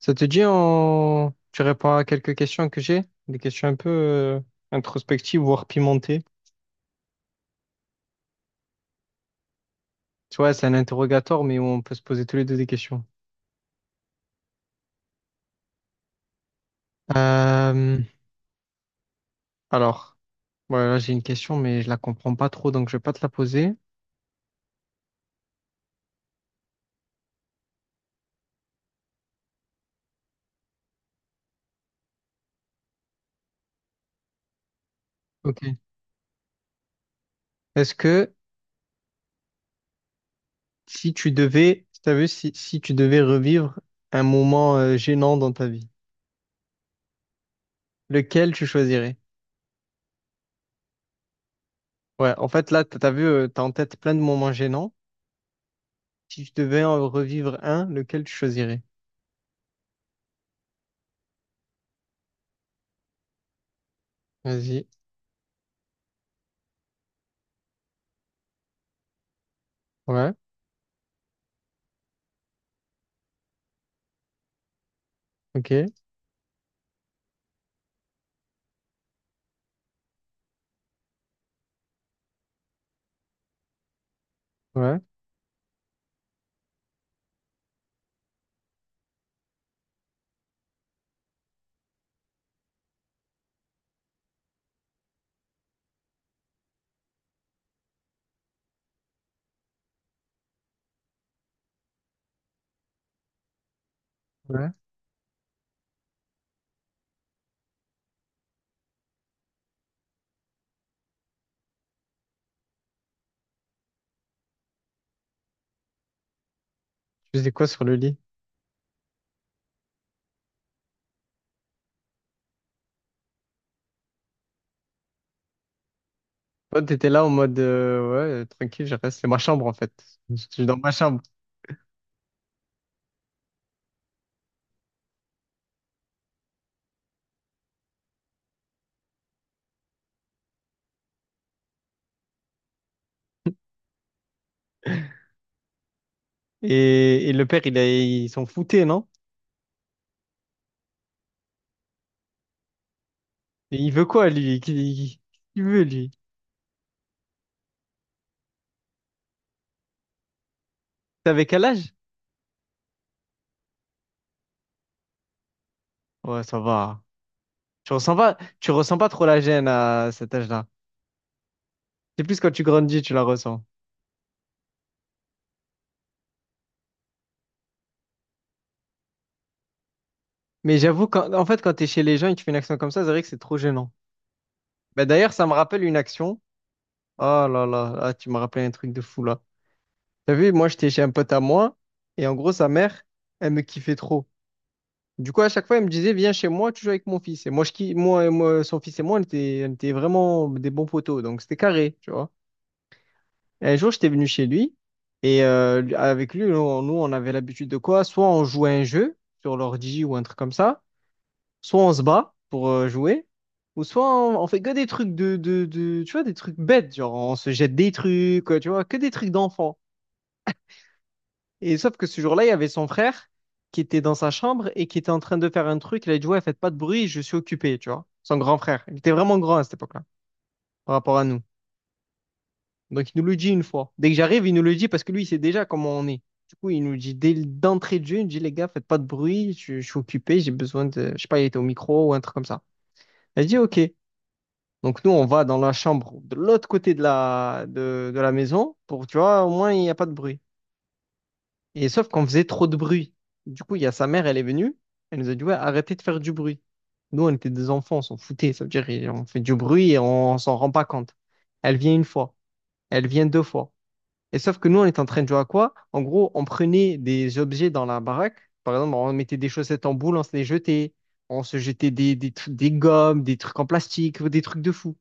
Ça te dit, tu réponds à quelques questions que j'ai, des questions un peu introspectives, voire pimentées. Tu vois, c'est un interrogatoire, mais où on peut se poser tous les deux des questions. Euh, Alors, voilà, j'ai une question, mais je la comprends pas trop, donc je vais pas te la poser. Ok. Est-ce que si tu devais, t'as vu, si tu devais revivre un moment gênant dans ta vie, lequel tu choisirais? Ouais, en fait, là, t'as vu, t'as en tête plein de moments gênants. Si tu devais en revivre un, lequel tu choisirais? Vas-y. Ouais. Ok, ouais, ouais. Tu faisais quoi sur le lit? Toi, t'étais là en mode, ouais, tranquille, je reste, c'est ma chambre en fait. Je suis dans ma chambre. Et le père, il s'en foutait, non? Et il veut quoi, lui? Qu'est-ce qu'il veut, lui? T'avais quel âge? Ouais, ça va. Tu ressens pas trop la gêne à cet âge-là. C'est plus quand tu grandis, tu la ressens. Mais j'avoue, quand, en fait, quand t'es chez les gens et que tu fais une action comme ça, c'est vrai que c'est trop gênant. Bah, d'ailleurs, ça me rappelle une action. Oh là là, ah, tu me rappelles un truc de fou là. T'as vu, moi, j'étais chez un pote à moi, et en gros, sa mère, elle me kiffait trop. Du coup, à chaque fois, elle me disait, viens chez moi, tu joues avec mon fils. Et moi, son fils et moi, on était vraiment des bons potos, donc c'était carré, tu vois. Et un jour, j'étais venu chez lui, et avec lui, on avait l'habitude de quoi? Soit on jouait à un jeu sur l'ordi ou un truc comme ça, soit on se bat pour jouer, ou soit on fait que des trucs tu vois, des trucs bêtes, genre on se jette des trucs, tu vois, que des trucs d'enfant. Et sauf que ce jour-là, il y avait son frère qui était dans sa chambre et qui était en train de faire un truc. Il a dit, ouais, faites pas de bruit, je suis occupé, tu vois. Son grand frère. Il était vraiment grand à cette époque-là, par rapport à nous. Donc, il nous le dit une fois. Dès que j'arrive, il nous le dit parce que lui, il sait déjà comment on est. Du coup, il nous dit dès d'entrée de jeu, il nous dit, les gars, faites pas de bruit, je suis occupé, j'ai besoin de, je sais pas, il était au micro ou un truc comme ça. Elle dit, OK. Donc, nous, on va dans la chambre de l'autre côté de la maison pour, tu vois, au moins, il n'y a pas de bruit. Et sauf qu'on faisait trop de bruit. Du coup, il y a sa mère, elle est venue, elle nous a dit, ouais, arrêtez de faire du bruit. Nous, on était des enfants, on s'en foutait, ça veut dire on fait du bruit et on s'en rend pas compte. Elle vient une fois, elle vient deux fois. Et sauf que nous, on était en train de jouer à quoi? En gros, on prenait des objets dans la baraque. Par exemple, on mettait des chaussettes en boule, on se les jetait. On se jetait des gommes, des trucs en plastique, des trucs de fou.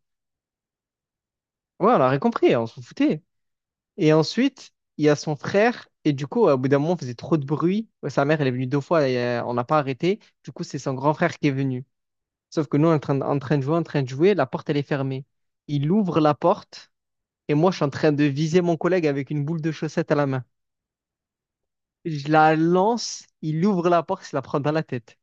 Ouais, on a rien compris, on s'en foutait. Et ensuite, il y a son frère. Et du coup, au bout d'un moment, on faisait trop de bruit. Ouais, sa mère, elle est venue deux fois et on n'a pas arrêté. Du coup, c'est son grand frère qui est venu. Sauf que nous, on est en train de jouer, la porte, elle est fermée. Il ouvre la porte et moi, je suis en train de viser mon collègue avec une boule de chaussette à la main. Je la lance, il ouvre la porte, il se la prend dans la tête.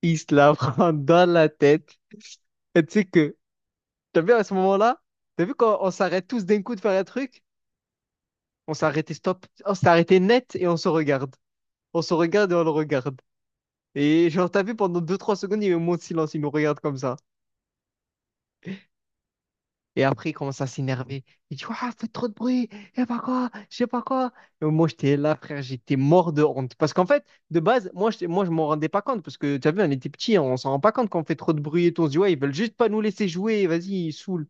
Il se la prend dans la tête. Et tu sais que, t'as vu à ce moment-là, t'as vu quand on s'arrête tous d'un coup de faire un truc? On s'est arrêté stop, on s'est arrêté net et on se regarde. On se regarde et on le regarde. Et genre, t'as vu, pendant deux trois secondes, il y a eu un moment de silence, il nous regarde comme ça. Et après, il commence à s'énerver. Il dit, Ouah, faites trop de bruit, et pas quoi, je sais pas quoi. Et moi, j'étais là, frère, j'étais mort de honte. Parce qu'en fait, de base, moi, je m'en rendais pas compte. Parce que, t'as vu, on était petits, on s'en rend pas compte quand on fait trop de bruit et tout. On se dit, ouais, ils veulent juste pas nous laisser jouer, vas-y, ils saoulent.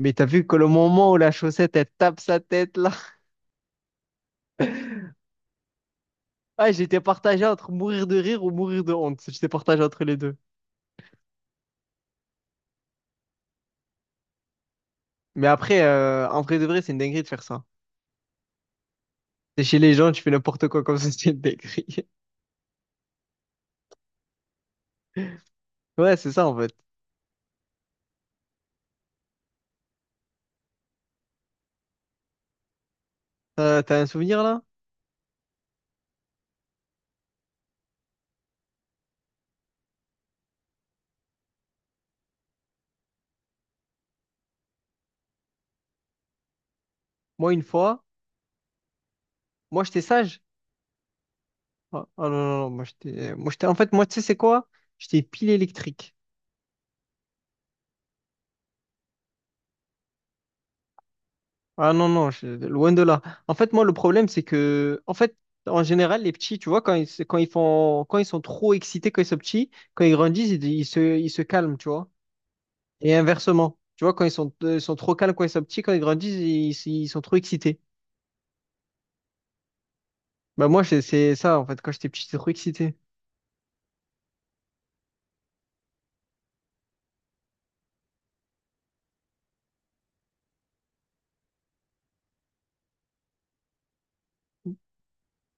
Mais t'as vu que le moment où la chaussette, elle tape sa tête, là. Ah, j'étais partagé entre mourir de rire ou mourir de honte. J'étais partagé entre les deux. Mais après, en vrai de vrai, c'est une dinguerie de faire ça. T'es chez les gens, tu fais n'importe quoi comme ça, c'est décrit. Ouais, c'est ça en fait. T'as un souvenir là? Moi, une fois, moi j'étais sage. Ah ah non, non, non, moi j'étais. Moi j'étais. En fait, moi, tu sais, c'est quoi? J'étais pile électrique. Ah non, non, loin de là. En fait, moi, le problème, c'est que. En fait, en général, les petits, tu vois, quand ils sont trop excités, quand ils sont petits, quand ils grandissent, ils se calment, tu vois. Et inversement. Tu vois, quand ils sont trop calmes, quand ils sont petits, quand ils grandissent, ils sont trop excités. Bah moi c'est ça en fait quand j'étais petit j'étais trop excité.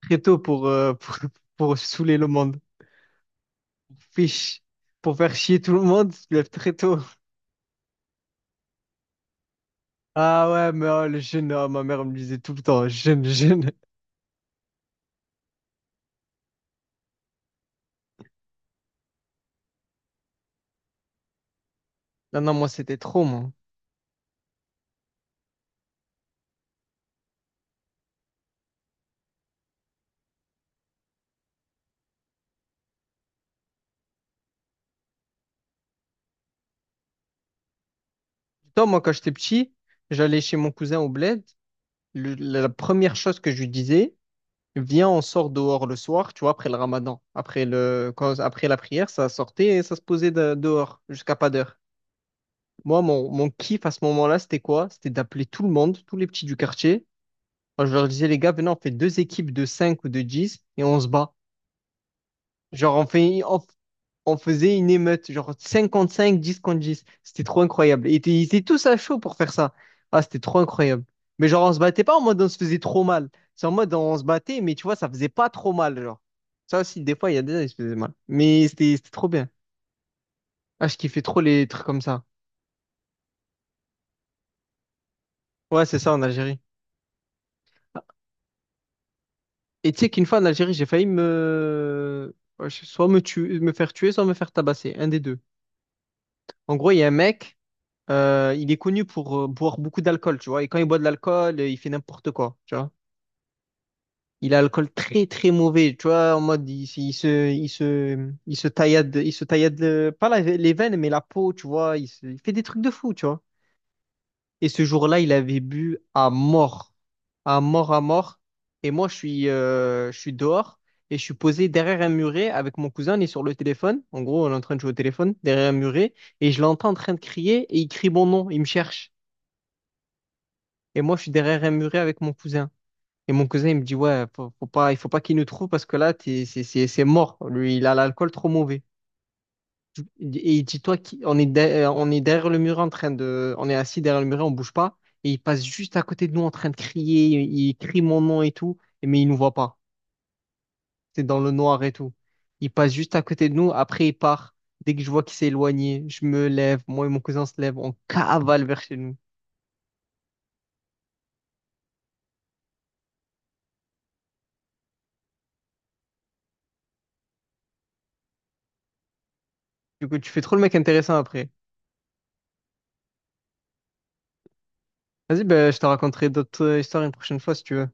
Très tôt pour, pour saouler le monde. Fiche. Pour faire chier tout le monde, tu te lèves très tôt. Ah ouais, mais oh, le jeune, oh, ma mère me disait tout le temps, jeune, jeune. Non, non, moi c'était trop, moi. Toi, moi, quand j'étais petit, j'allais chez mon cousin au bled. La première chose que je lui disais, Viens, on sort dehors le soir, tu vois, après le ramadan. Après la prière, ça sortait et ça se posait dehors jusqu'à pas d'heure. Moi, mon kiff à ce moment-là, c'était quoi? C'était d'appeler tout le monde, tous les petits du quartier. Moi, je leur disais, les gars, venez, on fait deux équipes de 5 ou de 10 et on se bat. Genre, on faisait une émeute, genre 5-5, 10 contre 10. C'était trop incroyable. Et ils étaient tous à chaud pour faire ça. Ah, c'était trop incroyable. Mais genre, on se battait pas en mode on se faisait trop mal. C'est en mode on se battait, mais tu vois, ça faisait pas trop mal, genre. Ça aussi, des fois, il y a des gens qui se faisaient mal. Mais c'était trop bien. Ah, je kiffais trop les trucs comme ça. Ouais, c'est ça en Algérie. Et tu sais qu'une fois en Algérie, j'ai failli me... Soit me tuer, me faire tuer, soit me faire tabasser. Un des deux. En gros, il y a un mec il est connu pour boire beaucoup d'alcool, tu vois. Et quand il boit de l'alcool, il fait n'importe quoi, tu vois. Il a l'alcool très très mauvais, tu vois. En mode, il se taillade pas les veines, mais la peau, tu vois. Il fait des trucs de fou, tu vois. Et ce jour-là, il avait bu à mort, à mort, à mort. Et moi, je suis dehors et je suis posé derrière un muret avec mon cousin. On est sur le téléphone. En gros, on est en train de jouer au téléphone derrière un muret et je l'entends en train de crier et il crie mon nom, il me cherche. Et moi, je suis derrière un muret avec mon cousin. Et mon cousin, il me dit, ouais, faut, faut pas, il faut pas qu'il nous trouve parce que là, c'est mort. Lui, il a l'alcool trop mauvais. Et il dit, toi, qui- on est, de- on est derrière le muret on est assis derrière le muret, on bouge pas. Et il passe juste à côté de nous en train de crier. Il crie mon nom et tout, mais il nous voit pas. C'est dans le noir et tout. Il passe juste à côté de nous. Après, il part. Dès que je vois qu'il s'est éloigné, je me lève. Moi et mon cousin se lève. On cavale vers chez nous. Du coup, tu fais trop le mec intéressant après. Vas-y, ben, je te raconterai d'autres histoires une prochaine fois si tu veux.